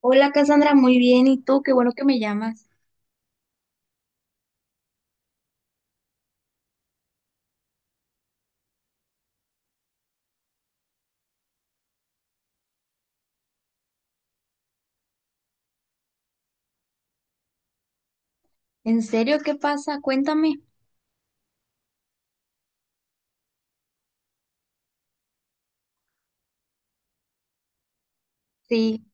Hola Cassandra, muy bien. ¿Y tú? Qué bueno que me llamas. ¿En serio? ¿Qué pasa? Cuéntame. Sí,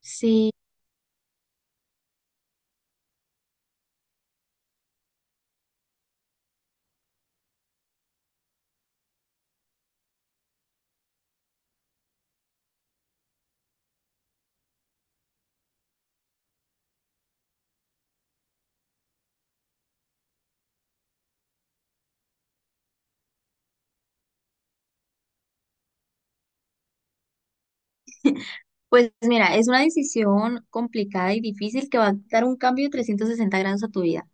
sí. Pues mira, es una decisión complicada y difícil que va a dar un cambio de 360 grados a tu vida.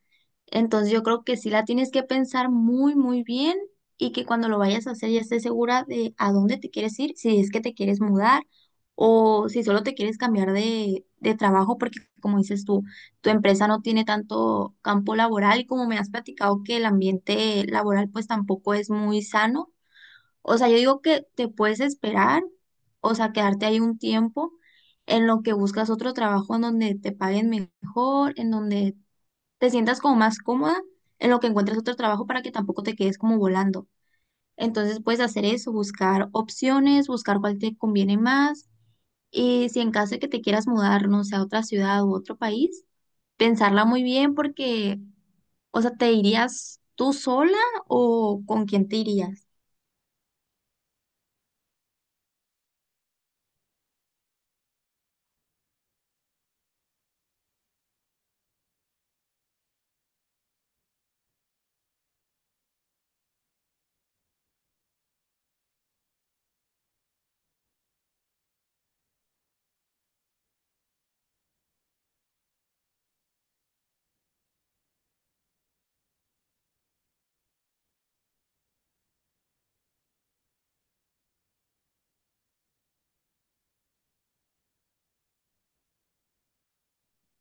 Entonces yo creo que sí la tienes que pensar muy, muy bien y que cuando lo vayas a hacer ya estés segura de a dónde te quieres ir, si es que te quieres mudar o si solo te quieres cambiar de trabajo, porque como dices tú, tu empresa no tiene tanto campo laboral y como me has platicado que el ambiente laboral pues tampoco es muy sano, o sea, yo digo que te puedes esperar, o sea, quedarte ahí un tiempo en lo que buscas otro trabajo en donde te paguen mejor, en donde te sientas como más cómoda, en lo que encuentres otro trabajo para que tampoco te quedes como volando. Entonces puedes hacer eso, buscar opciones, buscar cuál te conviene más y si en caso de que te quieras mudar, no sé, a otra ciudad u otro país, pensarla muy bien porque, o sea, ¿te irías tú sola o con quién te irías?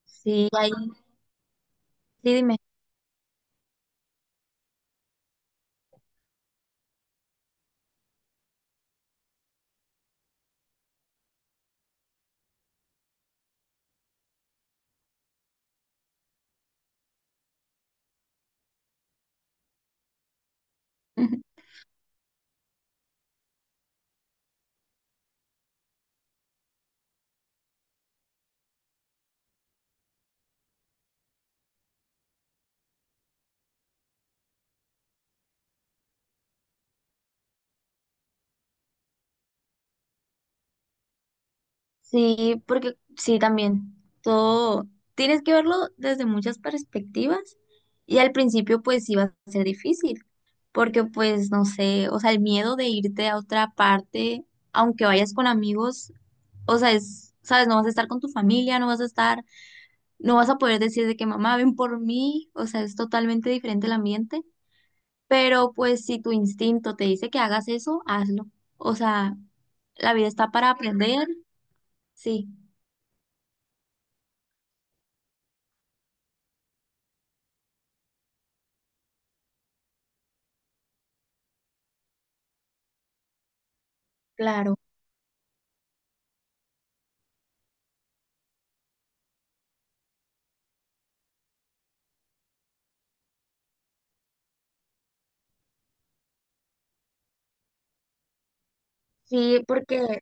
Sí, ahí, sí, dime. Sí, porque sí, también. Todo tienes que verlo desde muchas perspectivas y al principio pues sí va a ser difícil, porque pues no sé, o sea, el miedo de irte a otra parte, aunque vayas con amigos, o sea, es, sabes, no vas a estar con tu familia, no vas a estar, no vas a poder decir de que mamá, ven por mí, o sea, es totalmente diferente el ambiente, pero pues si tu instinto te dice que hagas eso, hazlo. O sea, la vida está para aprender, sí, claro. Sí, porque,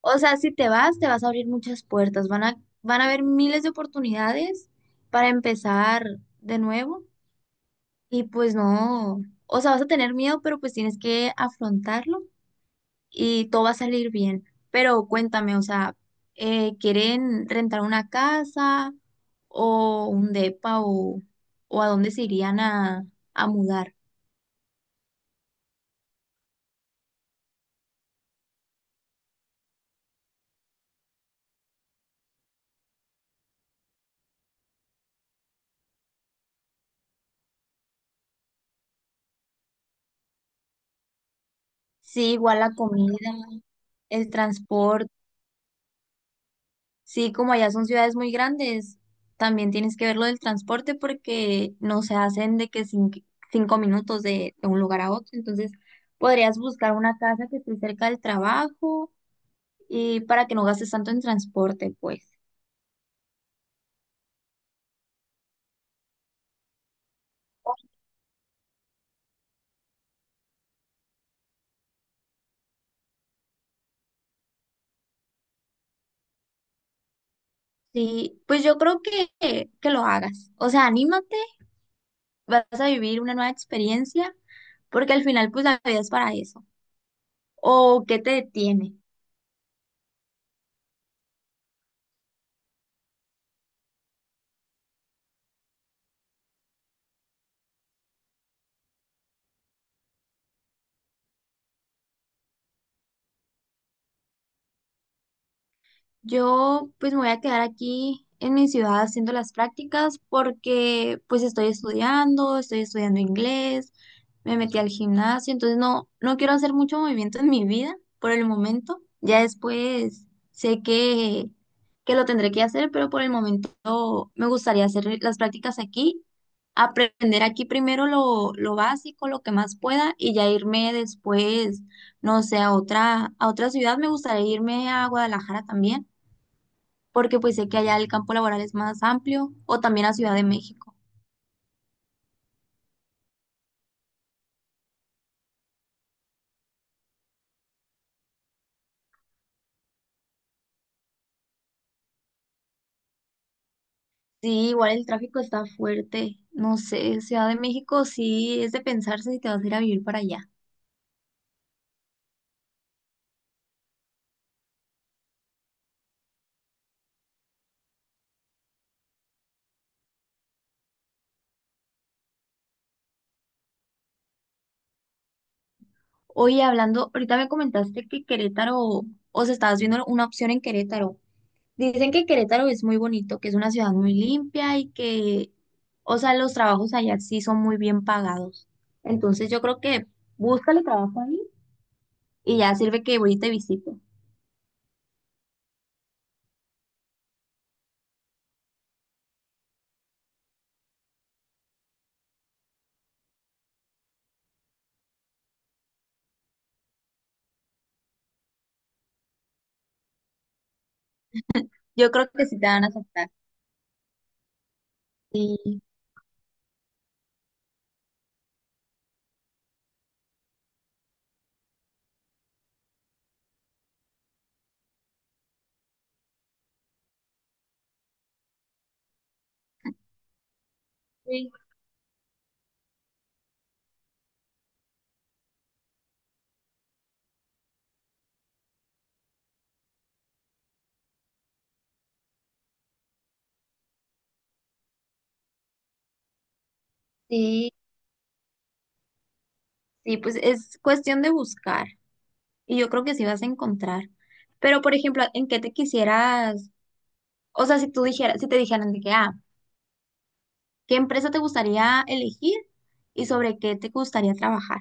o sea, si te vas, te vas a abrir muchas puertas, van a, van a haber miles de oportunidades para empezar de nuevo y pues no, o sea, vas a tener miedo, pero pues tienes que afrontarlo y todo va a salir bien. Pero cuéntame, o sea, ¿quieren rentar una casa o un depa o a dónde se irían a mudar? Sí, igual la comida, el transporte. Sí, como allá son ciudades muy grandes, también tienes que ver lo del transporte porque no se hacen de que 5 minutos de un lugar a otro. Entonces, podrías buscar una casa que esté cerca del trabajo y para que no gastes tanto en transporte, pues. Sí, pues yo creo que lo hagas. O sea, anímate, vas a vivir una nueva experiencia porque al final, pues la vida es para eso. ¿O qué te detiene? Yo pues me voy a quedar aquí en mi ciudad haciendo las prácticas porque pues estoy estudiando inglés, me metí al gimnasio, entonces no, no quiero hacer mucho movimiento en mi vida por el momento. Ya después sé que lo tendré que hacer, pero por el momento me gustaría hacer las prácticas aquí, aprender aquí primero lo básico, lo que más pueda y ya irme después, no sé, a otra ciudad. Me gustaría irme a Guadalajara también porque pues sé que allá el campo laboral es más amplio, o también a Ciudad de México. Sí, igual el tráfico está fuerte. No sé, Ciudad de México sí es de pensarse si te vas a ir a vivir para allá. Oye, hablando, ahorita me comentaste que Querétaro, o sea, estabas viendo una opción en Querétaro. Dicen que Querétaro es muy bonito, que es una ciudad muy limpia y que, o sea, los trabajos allá sí son muy bien pagados. Entonces yo creo que búscale trabajo ahí y ya sirve que voy y te visito. Yo creo que sí te van a aceptar. Sí. Sí. Sí, sí, pues es cuestión de buscar y yo creo que sí vas a encontrar. Pero, por ejemplo, ¿en qué te quisieras, o sea, si tú dijeras, si te dijeran de que, ah, ¿qué empresa te gustaría elegir y sobre qué te gustaría trabajar?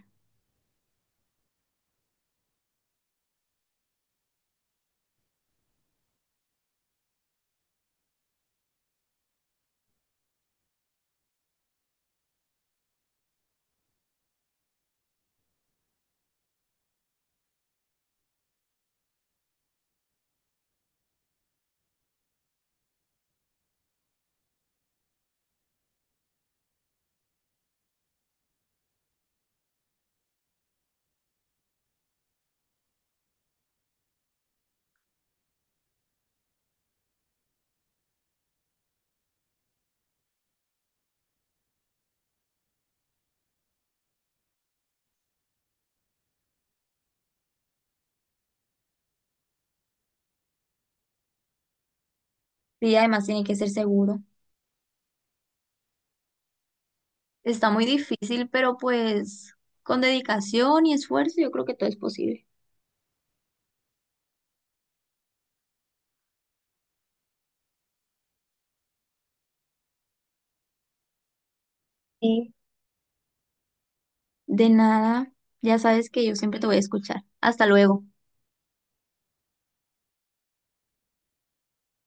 Y además tiene que ser seguro. Está muy difícil, pero pues con dedicación y esfuerzo yo creo que todo es posible. Sí. De nada, ya sabes que yo siempre te voy a escuchar. Hasta luego.